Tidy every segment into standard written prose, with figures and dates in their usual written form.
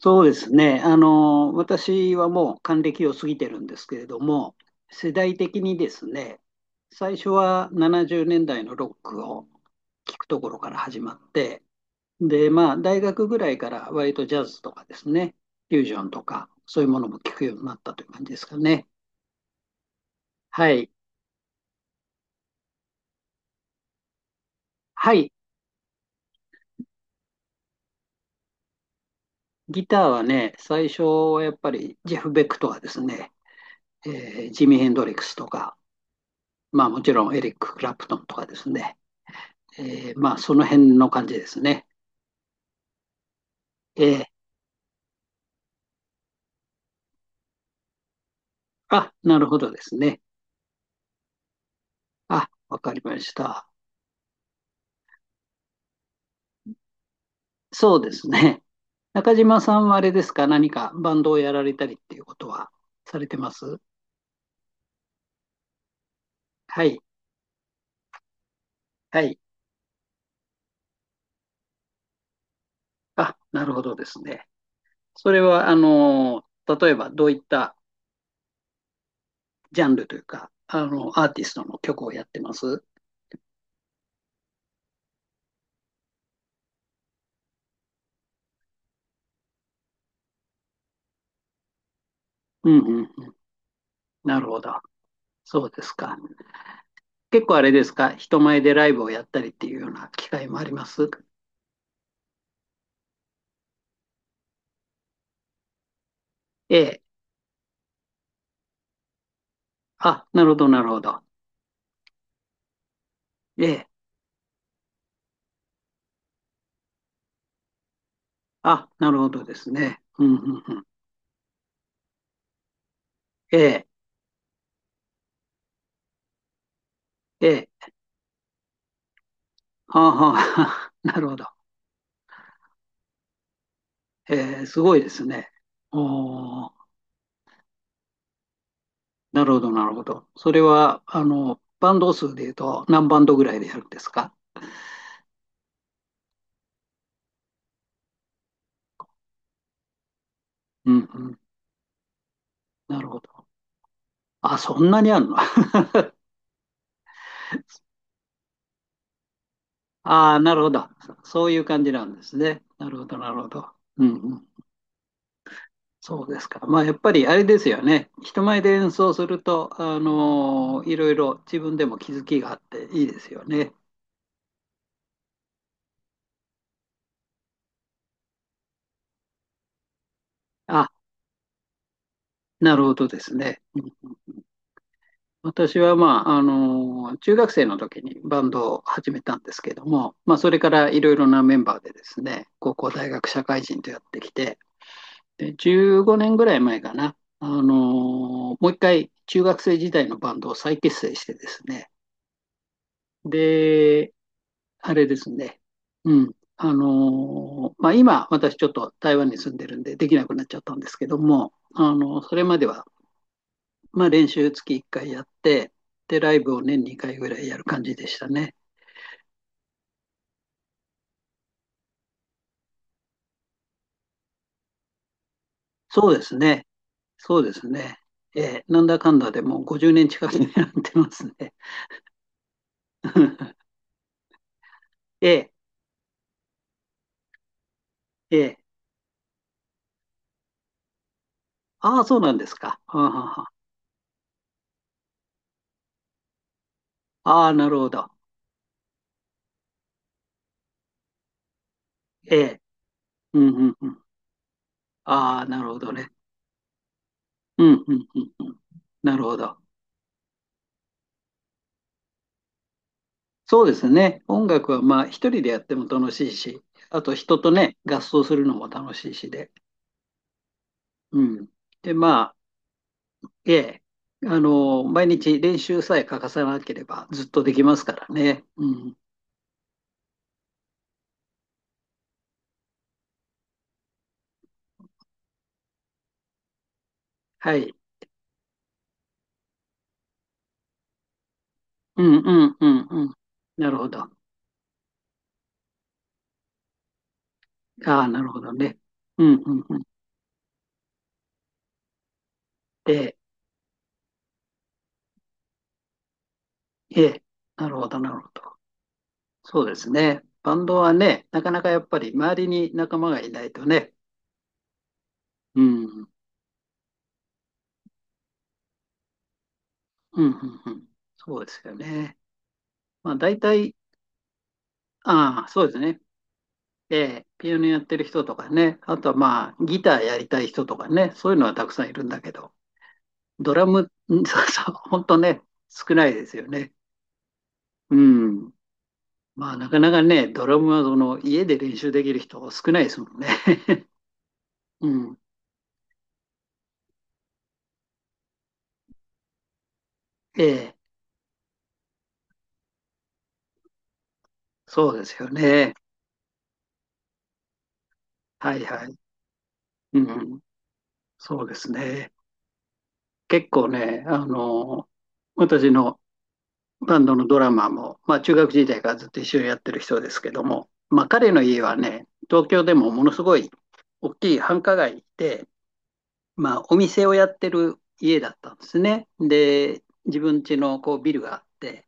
そうですね。あの、私はもう還暦を過ぎてるんですけれども、世代的にですね、最初は70年代のロックを聞くところから始まって、で、まあ、大学ぐらいから割とジャズとかですね、フュージョンとか、そういうものも聞くようになったという感じですかね。はい。はい。ギターはね、最初はやっぱりジェフ・ベックとかですね、ジミー・ヘンドリックスとか、まあもちろんエリック・クラプトンとかですね、まあ、その辺の感じですね。えー、あ、なるほどですね。あ、わかりました。そうですね。中島さんはあれですか、何かバンドをやられたりっていうことはされてます？はい、はい。あ、なるほどですね。それは、あの、例えばどういったジャンルというか、あの、アーティストの曲をやってます？うんうんうん。なるほど。そうですか。結構あれですか、人前でライブをやったりっていうような機会もあります？ええ。あ、なるほど、なるほど。ええ。あ、なるほどですね。うん、うん、うん。ええ、ええ。はあ、はあ、なるほど。ええ、すごいですね。おー、なるほど、なるほど。それは、あの、バンド数で言うと何バンドぐらいでやるんですか？うん、うん。なるほど。あ、そんなにあるの？ ああ、なるほど。そういう感じなんですね。なるほど、なるほど。うん、うん。そうですか。まあ、やっぱりあれですよね。人前で演奏すると、いろいろ自分でも気づきがあっていいですよね。なるほどですね。うん。私は、まあ、あの、中学生の時にバンドを始めたんですけども、まあ、それからいろいろなメンバーでですね、高校、大学、社会人とやってきて、で、15年ぐらい前かな、あの、もう一回中学生時代のバンドを再結成してですね、で、あれですね、うん、あの、まあ、今、私ちょっと台湾に住んでるんでできなくなっちゃったんですけども、あの、それまではまあ、練習月1回やって、で、ライブを年2回ぐらいやる感じでしたね。そうですね。そうですね。なんだかんだでもう50年近くになってますね。ええ、ええ、ああ、そうなんですか。はあ、はあ、はあ、ああ、なるほど。ええ。うんうんうん。ああ、なるほどね。うんうんうんうん。なるほど。そうですね。音楽はまあ一人でやっても楽しいし、あと人とね、合奏するのも楽しいしで。うん。で、まあ、ええ、あの、毎日練習さえ欠かさなければずっとできますからね。うん。はい。うんうんうんうん。なるほど。ああ、なるほどね。うんうんうん。ええ、ええ、なるほど、なるほど。そうですね。バンドはね、なかなかやっぱり周りに仲間がいないとね。うん。うんうんうん。そうですよね。まあ大体、ああ、そうですね。ええ、ピアノやってる人とかね。あとはまあギターやりたい人とかね。そういうのはたくさんいるんだけど。ドラム、うん。 そうそう、本当ね、少ないですよね。うん。まあ、なかなかね、ドラムはその家で練習できる人少ないですもんね。うん。ええ、そうですよね。はいはい。うん。そうですね。結構ね、あの、私のバンドのドラマーも、まあ、中学時代からずっと一緒にやってる人ですけども、まあ、彼の家はね、東京でもものすごい大きい繁華街で、まあ、お店をやってる家だったんですね。で、自分家のこうビルがあって、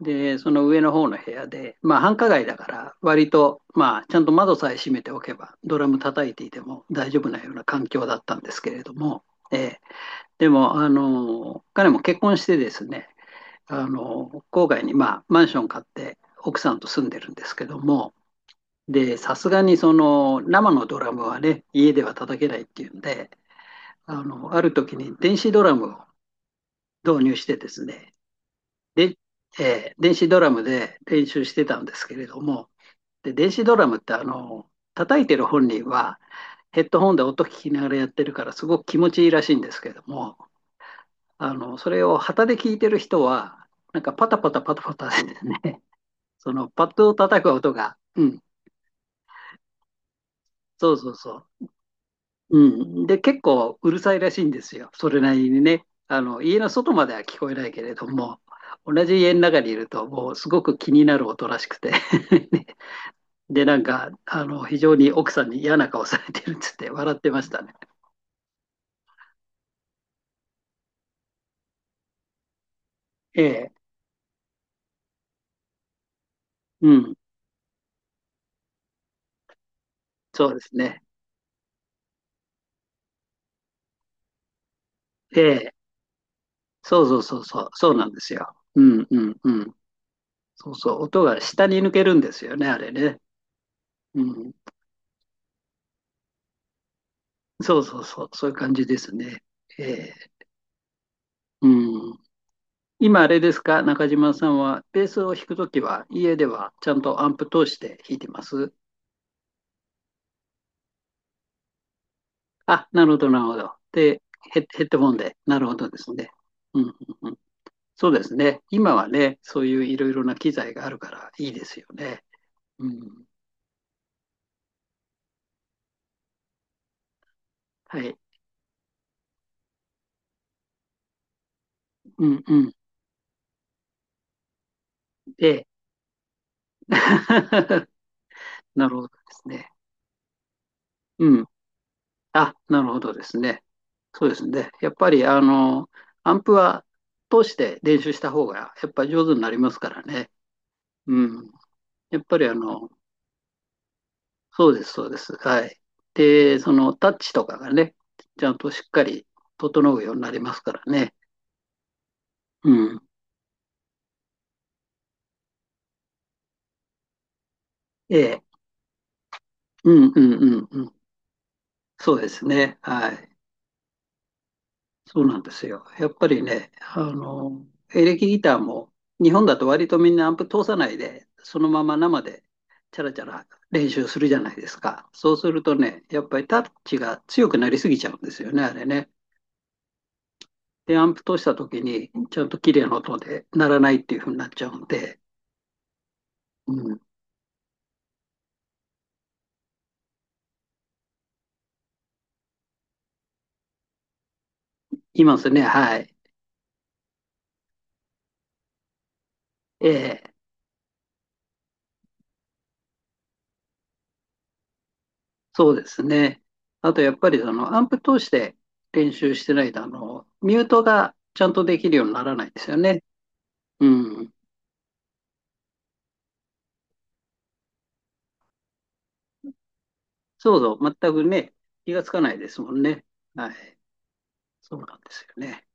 で、その上の方の部屋で、まあ、繁華街だから、割と、まあ、ちゃんと窓さえ閉めておけば、ドラム叩いていても大丈夫なような環境だったんですけれども、ええ、でも、あの、彼も結婚してですね、あの、郊外に、まあ、マンション買って、奥さんと住んでるんですけども、で、さすがにその生のドラムはね、家では叩けないっていうんで、あの、ある時に電子ドラムを導入してですね、で、電子ドラムで練習してたんですけれども、で、電子ドラムってあの、叩いてる本人はヘッドホンで音聞きながらやってるからすごく気持ちいいらしいんですけども、あの、それを旗で聞いてる人は、なんかパタパタパタパタでね、そのパッドを叩く音が、うん、そうそうそう、うん。で、結構うるさいらしいんですよ。それなりにね。あの、家の外までは聞こえないけれども、同じ家の中にいると、もうすごく気になる音らしくて。 で、なんか、あの、非常に奥さんに嫌な顔されてるっつって笑ってましたね。ええ、うん、そうですね。ええ、そうそうそうそう、そうなんですよ。うんうんうん。そうそう、音が下に抜けるんですよね、あれね。うん、そうそうそう、そういう感じですね。ええ、うん。今あれですか、中島さんは、ベースを弾くときは、家ではちゃんとアンプ通して弾いてます？あ、なるほど、なるほど。で、ヘッドホンで、なるほどですね。うんうんうん、そうですね。今はね、そういういろいろな機材があるからいいですよね。うん、はい。うんうん。で、なるほどですね。うん。あ、なるほどですね。そうですね。やっぱり、あの、アンプは通して練習した方が、やっぱ上手になりますからね。うん。やっぱりあの、そうです、そうです。はい。で、そのタッチとかがね、ちゃんとしっかり整うようになりますからね。うん。ええ。うんうんうんうん。そうですね。はい。そうなんですよ。やっぱりね、あの、エレキギターも日本だと割とみんなアンプ通さないで、そのまま生でチャラチャラ練習するじゃないですか。そうするとね、やっぱりタッチが強くなりすぎちゃうんですよね、あれね。で、アンプ通した時に、ちゃんと綺麗な音で鳴らないっていう風になっちゃうんで、うん、いますね、はい。ええ、そうですね。あと、やっぱりその、アンプ通して練習してないと、あの、ミュートがちゃんとできるようにならないですよね。うん。そうそう、全くね、気がつかないですもんね。はい。そうなんですよね。